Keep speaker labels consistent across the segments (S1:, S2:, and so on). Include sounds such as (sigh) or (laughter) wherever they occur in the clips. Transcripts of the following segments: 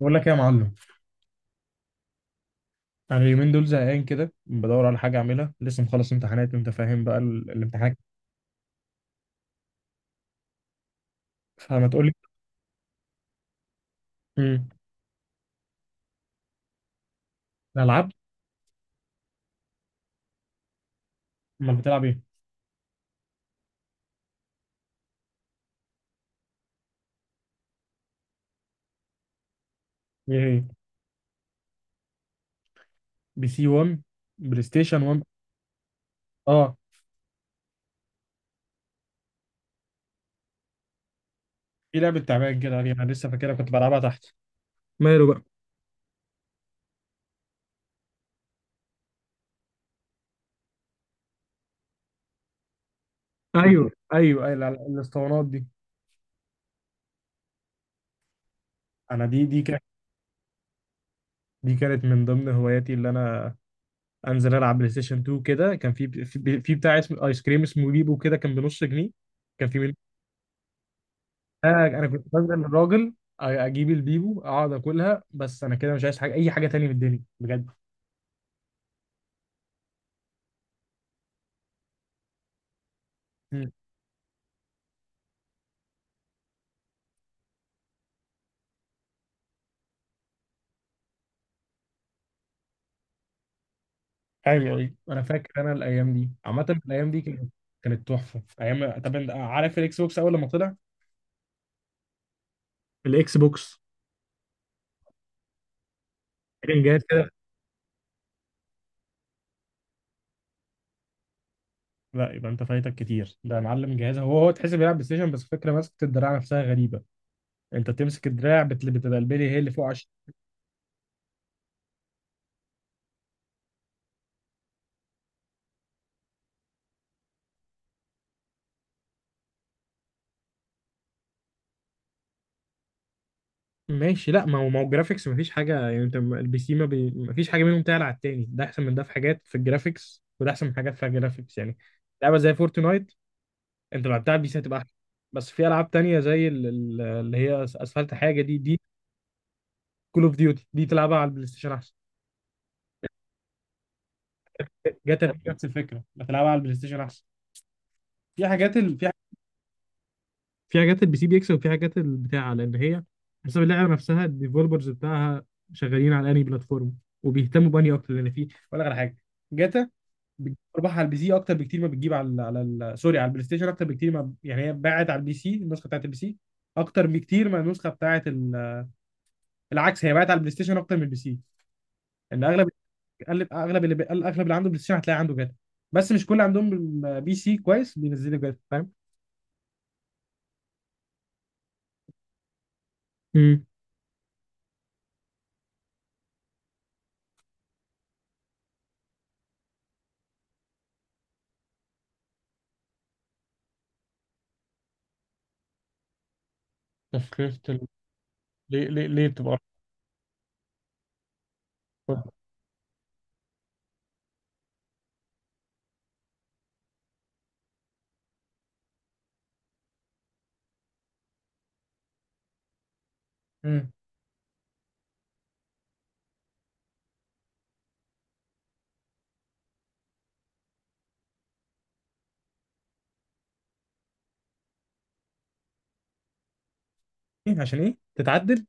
S1: بقول لك ايه يا معلم. انا اليومين دول زهقان كده بدور على حاجه اعملها، لسه مخلص امتحانات وانت فاهم بقى الامتحان. فما تقول لي. امم الالعاب. امال بتلعب ايه؟ ايه هي؟ بي سي 1؟ بلاي ستيشن 1. اه، في لعبه تعبان كده عليها انا لسه فاكرها كنت بلعبها تحت. ماله بقى؟ ايوه ايوه ايوه، الاسطوانات دي. انا دي كانت، دي كانت من ضمن هواياتي اللي انا انزل العب بلاي ستيشن 2 كده. كان في بتاع اسمه ايس كريم اسمه بيبو، كده كان بنص جنيه. كان في، انا كنت بنزل الراجل اجيب البيبو اقعد اكلها. بس انا كده مش عايز حاجه، اي حاجه تانية في الدنيا بجد. مم. ايوه ايوه، انا فاكر انا الايام دي، عامه الايام دي كانت، كانت تحفه ايام. طب انت عارف الاكس بوكس اول لما طلع؟ الاكس بوكس كان جهاز كده. لا، يبقى انت فايتك كتير ده يا معلم. جهاز هو تحس بيلعب بلاي ستيشن بس فكره ماسكه الدراع نفسها غريبه. انت بتمسك الدراع بتبقى البلي هي اللي فوق. ماشي. لا، ما هو الجرافيكس مفيش حاجه، يعني انت البي سي ما بي... مفيش حاجه منهم تعلى على التاني، ده احسن من ده في حاجات في الجرافيكس، وده احسن من حاجات في الجرافيكس يعني. لعبه زي فورتنايت انت لو لعبتها على البي سي هتبقى احسن. بس في العاب تانية زي اللي هي اسفلت، حاجه دي. كول اوف ديوتي دي تلعبها على البلاي ستيشن احسن. جاتا في نفس الفكره، بتلعبها على البلاي ستيشن احسن. في حاجات في، في حاجات البي سي بيكسب وفي حاجات البتاع، لان هي حسب اللعبه نفسها الديفلوبرز بتاعها شغالين على انهي بلاتفورم وبيهتموا بانهي اكتر. لان في، اقول لك على حاجه، جاتا بتجيب ارباح على البي سي اكتر بكتير ما بتجيب على ال، سوري، على البلاي ستيشن اكتر بكتير ما، يعني هي باعت على البي سي، النسخه بتاعت البي سي اكتر بكتير ما النسخه بتاعت العكس، هي باعت على البلاي ستيشن اكتر من البي سي، لان اغلب اغلب اللي عنده بلاي ستيشن هتلاقي عنده جاتا، بس مش كل عندهم بي سي كويس بينزلوا جاتا، فاهم؟ امم. تفكير ال- ليه ليه بتبقى أرخص؟ امم. إيه عشان ايه تتعدل؟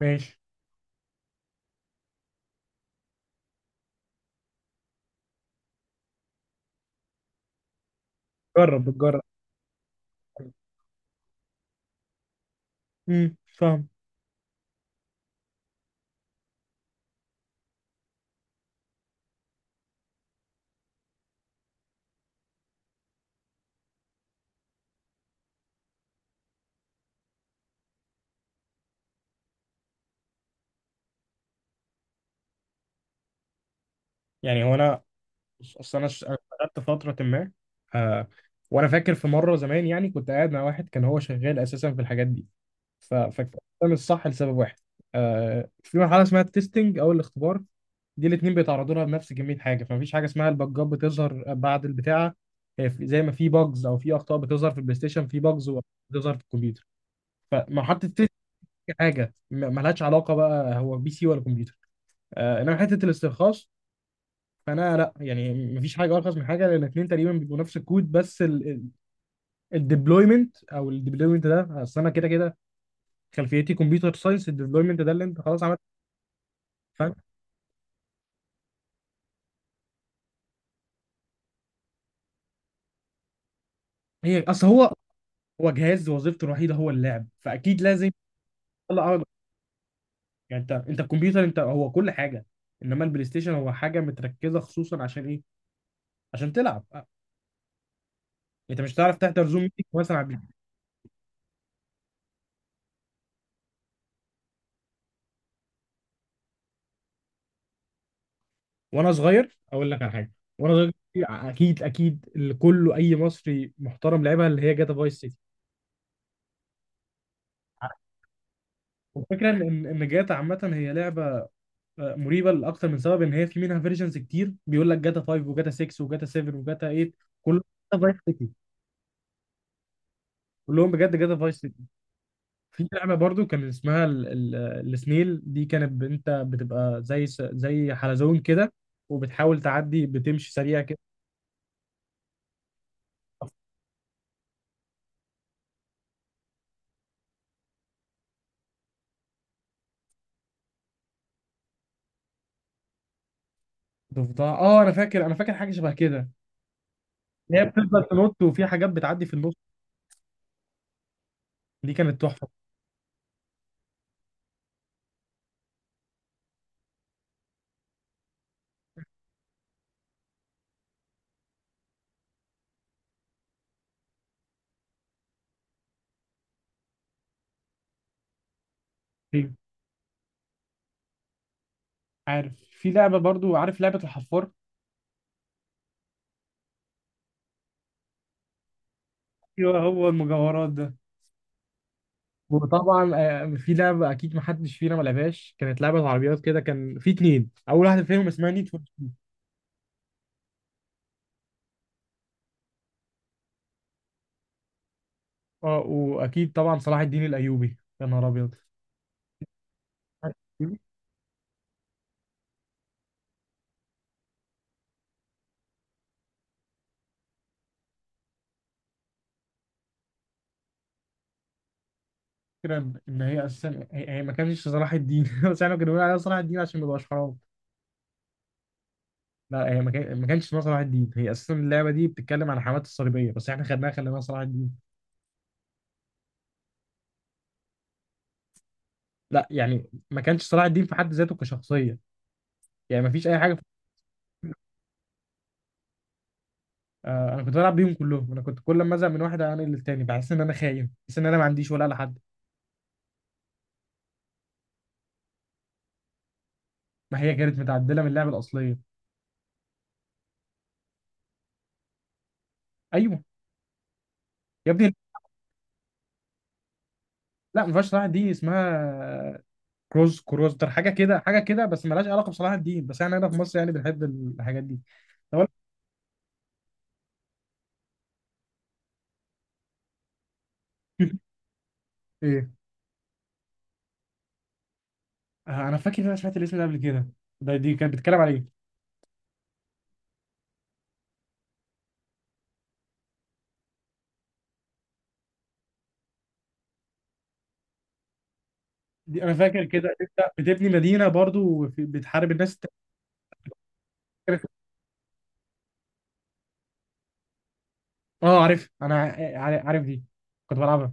S1: ماشي. جرب، بتجرب. امم، فاهم. يعني هو انا، بص، أنا اشتغلت فتره ما، آه، وانا فاكر في مره زمان يعني كنت قاعد مع واحد كان هو شغال اساسا في الحاجات دي. فكان ده مش صح لسبب واحد. آه، في مرحله اسمها التستنج او الاختبار، دي الاثنين بيتعرضوا لها بنفس كميه حاجه، فمفيش حاجه اسمها البجات بتظهر بعد البتاعه. هي زي ما في باجز او في اخطاء بتظهر في البلاي ستيشن، في باجز بتظهر في الكمبيوتر. فمرحله التستنج حاجه ملهاش علاقه بقى هو بي سي ولا كمبيوتر. آه، انما حته الاسترخاص، فانا لا، يعني مفيش حاجه ارخص من حاجه، لان الاثنين تقريبا بيبقوا نفس الكود. بس الديبلويمنت، او الديبلويمنت ده، اصل انا كده كده خلفيتي كمبيوتر ساينس، الديبلويمنت ده اللي انت خلاص عملت. فاهم. هي اصل هو، هو جهاز وظيفته الوحيده هو اللعب، فاكيد لازم يطلع أعلى. يعني انت الكمبيوتر انت هو كل حاجه، انما البلاي ستيشن هو حاجه متركزه خصوصا عشان ايه؟ عشان تلعب. انت مش هتعرف تحضر زوم ميتنج مثلا على البلاي ستيشن. وانا صغير اقول لك على حاجه، وانا صغير اكيد اللي كله اي مصري محترم لعبها اللي هي جاتا فايس سيتي. والفكره ان إن جاتا عامه هي لعبه آه، مريبه لاكتر من سبب، ان هي في منها فيرجنز كتير بيقول لك جاتا 5 وجاتا 6 وجاتا 7 وجاتا 8، كلهم جاتا فايس سيتي، كلهم بجد جاتا فايس سيتي. في لعبه برضو كان اسمها السنيل، دي كانت انت بتبقى زي زي حلزون كده، وبتحاول تعدي بتمشي سريع كده. ضفدع، اه، انا فاكر، انا فاكر حاجه شبه كده. اللي هي بتفضل تنط وفي حاجات بتعدي في النص. دي كانت تحفه. أيوة. عارف، في لعبه برضو، عارف لعبه الحفار؟ ايوه، هو المجوهرات ده. وطبعا آه، في لعبه اكيد ما حدش فينا ما لعبهاش، كانت لعبه عربيات كده، كان في اتنين اول واحده فيهم اسمها نيد فور. اه، واكيد طبعا صلاح الدين الايوبي، يا نهار ابيض. الفكره ان إن هي اساسا هي ما كانش صلاح الدين، (laughs) بس احنا كنا بنقول عليها صلاح الدين عشان ما يبقاش حرام. لا، هي ما كانش اسمها صلاح الدين، هي اساسا اللعبه دي بتتكلم عن حماة الصليبيه، بس احنا خدناها خليناها صلاح الدين. لا، يعني ما كانش صلاح الدين في حد ذاته كشخصيه، يعني ما فيش اي حاجه. آه، انا كنت بلعب بيهم كلهم، انا كنت كل ما ازهق من واحد اعمل للتاني، بحس ان انا خاين، بحس ان انا ما عنديش ولا لحد. ما هي كانت متعدله من اللعبه الاصليه. ايوه. يا ابني، لا، ما فيهاش صلاح الدين، اسمها كروز كروستر، حاجه كده حاجه كده، بس ملهاش علاقه بصلاح الدين، بس احنا هنا في مصر يعني بنحب الحاجات دي. طب أقول (laughs) لك ايه، آه، انا فاكر ان انا سمعت الاسم ده قبل كده. ده دي كانت بتتكلم على ايه؟ دي انا فاكر كده، انت بتبني مدينه برضو بتحارب الناس. التانية. اه عارف انا، عارف دي، كنت بلعبها.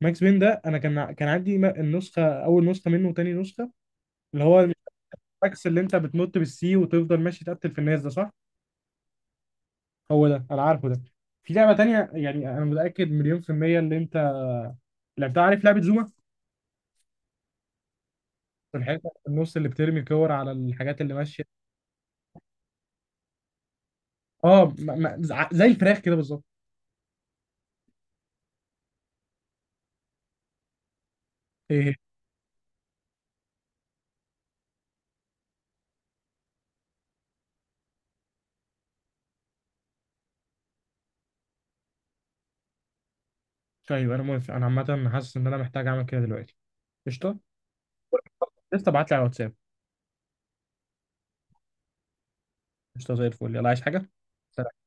S1: ماكس بين ده انا كان كان عندي النسخه، اول نسخه منه وتاني نسخه، اللي هو الماكس اللي انت بتنط بالسي وتفضل ماشي تقتل في الناس، ده صح. هو ده انا عارفه ده. في لعبه تانية يعني انا متاكد مليون في الميه اللي انت لعبتها، عارف لعبه زوما، الحاجات اللي في النص اللي بترمي كور على الحاجات اللي ماشيه. اه، زي الفراخ كده بالظبط. ايه هي؟ طيب، انا موافق، انا عامه حاسس ان انا محتاج اعمل كده دلوقتي. قشطه. لسه ابعت لي على الواتساب. قشطه زي الفل، يلا، عايز حاجه؟ سلام.